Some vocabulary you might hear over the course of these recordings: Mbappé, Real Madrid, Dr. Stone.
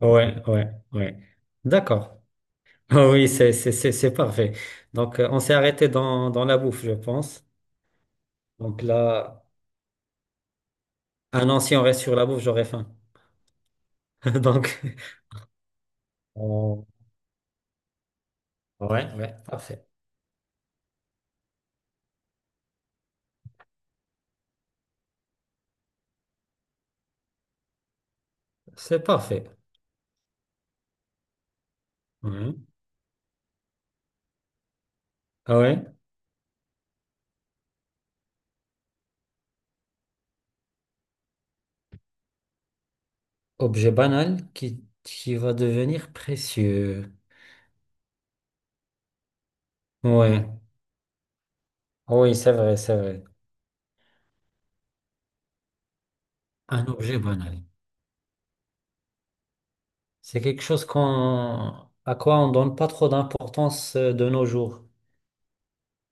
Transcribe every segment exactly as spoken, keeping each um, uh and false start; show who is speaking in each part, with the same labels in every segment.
Speaker 1: Ouais, ouais, ouais. D'accord. Oui, c'est, c'est, c'est, c'est parfait. Donc, euh, on s'est arrêté dans, dans la bouffe, je pense. Donc là, ah non, si on reste sur la bouffe, j'aurais faim. Donc, on- ouais, ouais, parfait. C'est parfait. Ouais. Ah ouais. Objet banal qui, qui va devenir précieux. Ouais. Ah oui, c'est vrai, c'est vrai. Un objet banal. C'est quelque chose qu'on, à quoi on donne pas trop d'importance euh, de nos jours.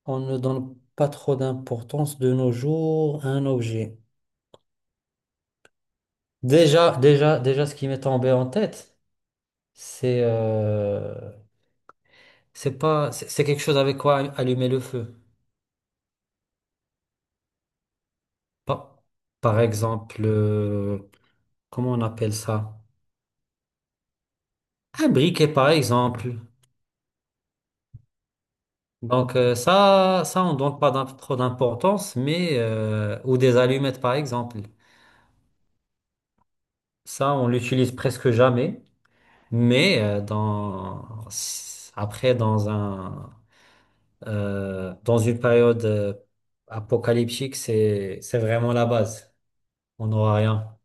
Speaker 1: On ne donne pas trop d'importance de nos jours à un objet. Déjà, déjà, déjà, ce qui m'est tombé en tête, c'est euh, c'est pas, c'est c'est quelque chose avec quoi allumer le feu. Par, par exemple, euh, comment on appelle ça? Un briquet, par exemple. Donc euh, ça, ça, on donne pas d'im- trop d'importance, mais euh, ou des allumettes, par exemple. Ça, on l'utilise presque jamais, mais euh, dans après dans un Euh, dans une période euh, apocalyptique, c'est, c'est vraiment la base. On n'aura rien.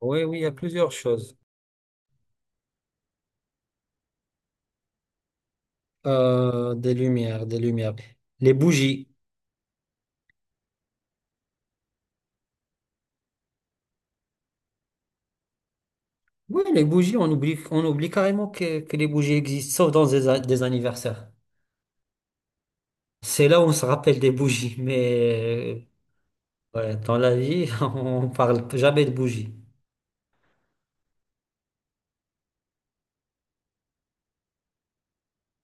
Speaker 1: Oui, oui, il y a plusieurs choses. Euh, des lumières, des lumières. Les bougies. Oui, les bougies, on oublie, on oublie carrément que, que les bougies existent, sauf dans des, a- des anniversaires. C'est là où on se rappelle des bougies, mais euh, ouais, dans la vie, on parle jamais de bougies.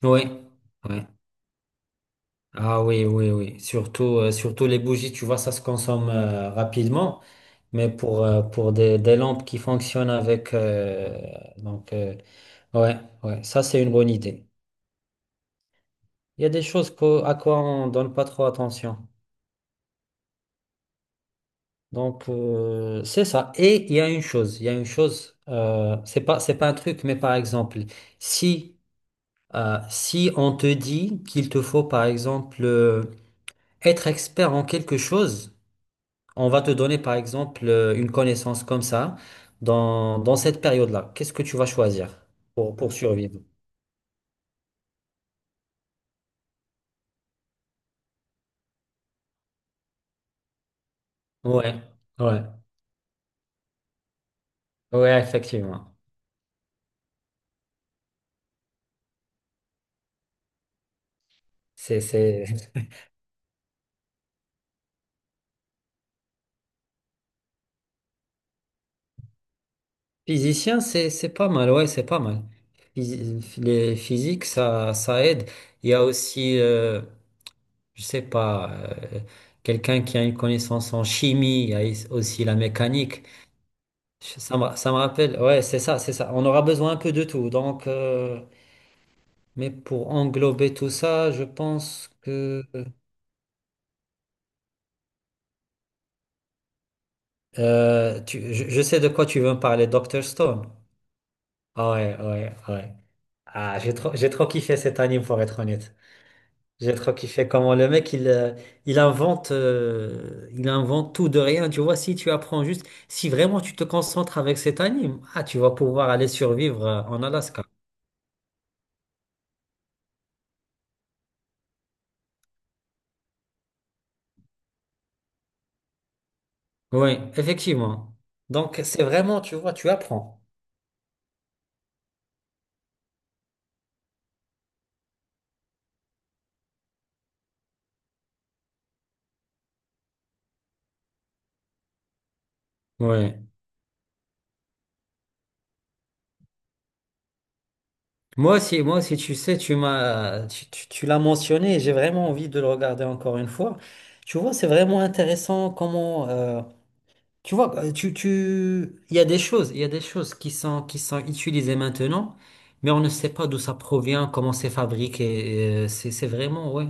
Speaker 1: Oui, oui. Ah oui, oui, oui. Surtout, euh, surtout les bougies, tu vois, ça se consomme euh, rapidement. Mais pour, euh, pour des, des lampes qui fonctionnent avec... euh, donc, euh, ouais, ouais, ça c'est une bonne idée. Il y a des choses qu'au- à quoi on donne pas trop attention. Donc, euh, c'est ça. Et il y a une chose, il y a une chose, euh, c'est pas, c'est pas un truc, mais par exemple, si, euh, si on te dit qu'il te faut, par exemple, euh, être expert en quelque chose. On va te donner par exemple euh, une connaissance comme ça dans, dans cette période-là. Qu'est-ce que tu vas choisir pour, pour survivre? Ouais, ouais, ouais, effectivement. C'est, c'est... Physicien, c'est, c'est pas mal, ouais, c'est pas mal. Phys- Les physiques, ça, ça aide. Il y a aussi, euh, je sais pas, euh, quelqu'un qui a une connaissance en chimie, il y a aussi la mécanique. Ça me, ça me rappelle, ouais, c'est ça, c'est ça. On aura besoin un peu de tout. Donc, euh, mais pour englober tout ça, je pense que euh, tu- je, je sais de quoi tu veux me parler, docteur Stone. Ah ouais, ouais, ouais. Ah, j'ai trop, j'ai trop kiffé cet anime pour être honnête. J'ai trop kiffé comment le mec il, euh, il invente, euh, il invente tout de rien. Tu vois, si tu apprends juste, si vraiment tu te concentres avec cet anime, ah, tu vas pouvoir aller survivre euh, en Alaska. Oui, effectivement. Donc c'est vraiment, tu vois, tu apprends. Oui. Moi aussi, moi aussi, tu sais, tu m'as, tu, tu- tu l'as mentionné et j'ai vraiment envie de le regarder encore une fois. Tu vois, c'est vraiment intéressant comment, euh, tu vois, euh, tu, tu, il y a des choses, il y a des choses qui sont, qui sont utilisées maintenant, mais on ne sait pas d'où ça provient, comment c'est fabriqué. euh, c'est, c'est vraiment, ouais.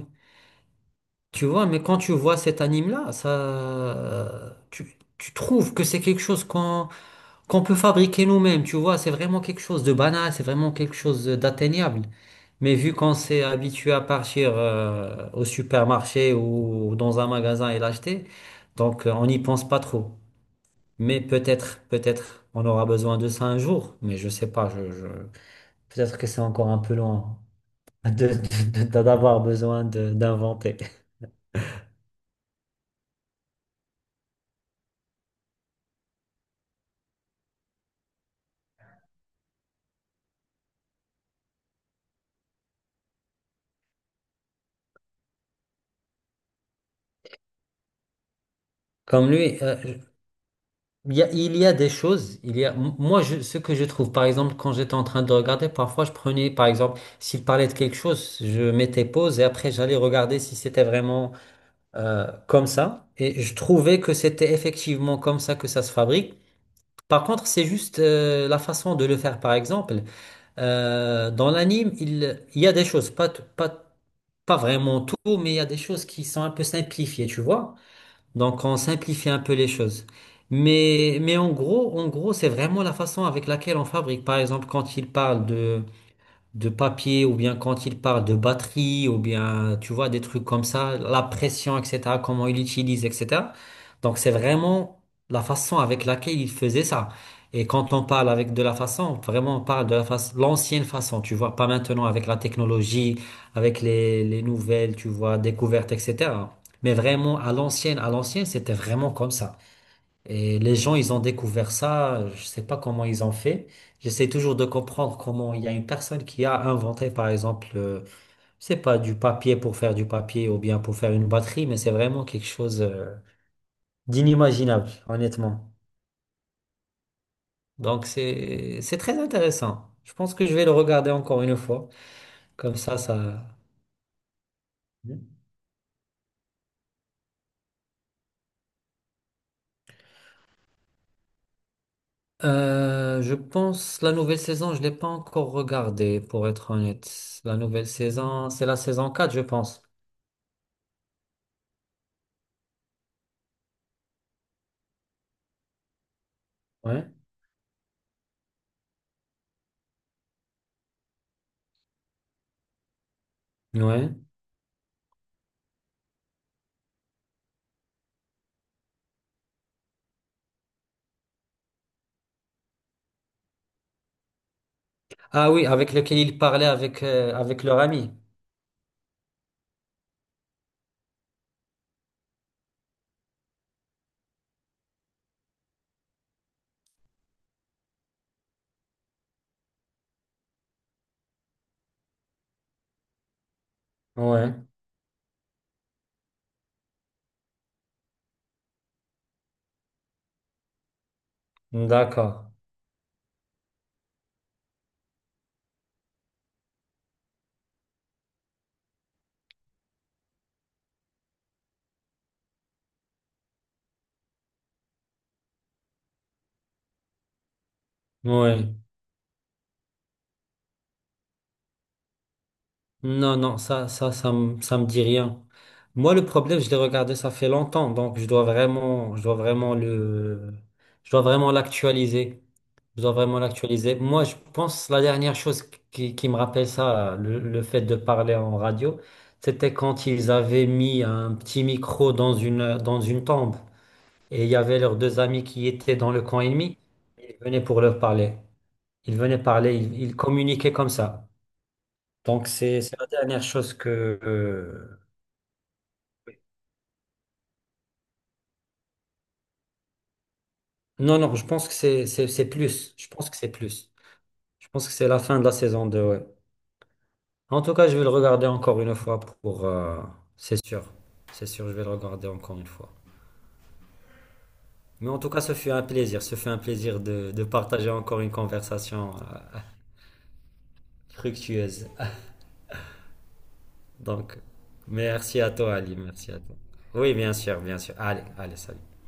Speaker 1: Tu vois, mais quand tu vois cet anime-là, ça, euh, tu, tu trouves que c'est quelque chose qu'on qu'on peut fabriquer nous-mêmes, tu vois, c'est vraiment quelque chose de banal, c'est vraiment quelque chose d'atteignable. Mais vu qu'on s'est habitué à partir euh, au supermarché ou dans un magasin et l'acheter, donc euh, on n'y pense pas trop. Mais peut-être, peut-être, on aura besoin de ça un jour, mais je sais pas, je, je- peut-être que c'est encore un peu loin de- de- de- d'avoir besoin de- d'inventer. Comme lui, euh, il y a, il y a des choses, il y a, m- moi, je, ce que je trouve, par exemple, quand j'étais en train de regarder, parfois, je prenais, par exemple, s'il parlait de quelque chose, je mettais pause et après, j'allais regarder si c'était vraiment euh, comme ça. Et je trouvais que c'était effectivement comme ça que ça se fabrique. Par contre, c'est juste euh, la façon de le faire, par exemple. euh, dans l'anime, il, il y a des choses, pas, t- pas, pas vraiment tout, mais il y a des choses qui sont un peu simplifiées, tu vois. Donc, on simplifie un peu les choses. Mais, mais en gros, en gros, c'est vraiment la façon avec laquelle on fabrique. Par exemple, quand il parle de, de papier, ou bien quand il parle de batterie, ou bien, tu vois, des trucs comme ça, la pression, et cetera, comment il utilise, et cetera. Donc, c'est vraiment la façon avec laquelle il faisait ça. Et quand on parle avec de la façon, vraiment, on parle de la façon, l'ancienne façon, tu vois, pas maintenant avec la technologie, avec les, les nouvelles, tu vois, découvertes, et cetera. Mais vraiment, à l'ancienne, à l'ancienne, c'était vraiment comme ça. Et les gens, ils ont découvert ça, je sais pas comment ils ont fait. J'essaie toujours de comprendre comment il y a une personne qui a inventé, par exemple, euh, je sais pas, du papier pour faire du papier ou bien pour faire une batterie, mais c'est vraiment quelque chose, euh, d'inimaginable, honnêtement. Donc c'est, c'est très intéressant. Je pense que je vais le regarder encore une fois. Comme ça, ça... Euh, je pense la nouvelle saison, je l'ai pas encore regardée, pour être honnête. La nouvelle saison, c'est la saison quatre, je pense. Ouais. Ouais. Ah oui, avec lequel ils parlaient avec, euh, avec leur ami. Ouais, d'accord. Ouais. Non, non, ça, ça, ça, me- ça me dit rien. Moi, le problème, je l'ai regardé, ça fait longtemps, donc je dois vraiment, je dois vraiment le, je dois vraiment l'actualiser. Je dois vraiment l'actualiser. Moi, je pense la dernière chose qui, qui me rappelle ça, le, le fait de parler en radio, c'était quand ils avaient mis un petit micro dans une, dans une tombe. Et il y avait leurs deux amis qui étaient dans le camp ennemi. Ils venaient pour leur parler. Ils venaient parler, ils, ils communiquaient comme ça. Donc c'est c'est la dernière chose que... euh, non, non, je pense que c'est c'est- c'est plus. Je pense que c'est plus. Je pense que c'est la fin de la saison deux. Ouais. En tout cas, je vais le regarder encore une fois pour... euh, c'est sûr. C'est sûr, je vais le regarder encore une fois. Mais en tout cas, ce fut un plaisir. Ce fut un plaisir de, de partager encore une conversation euh, fructueuse. Donc, merci à toi, Ali. Merci à toi. Oui, bien sûr, bien sûr. Allez, allez, salut.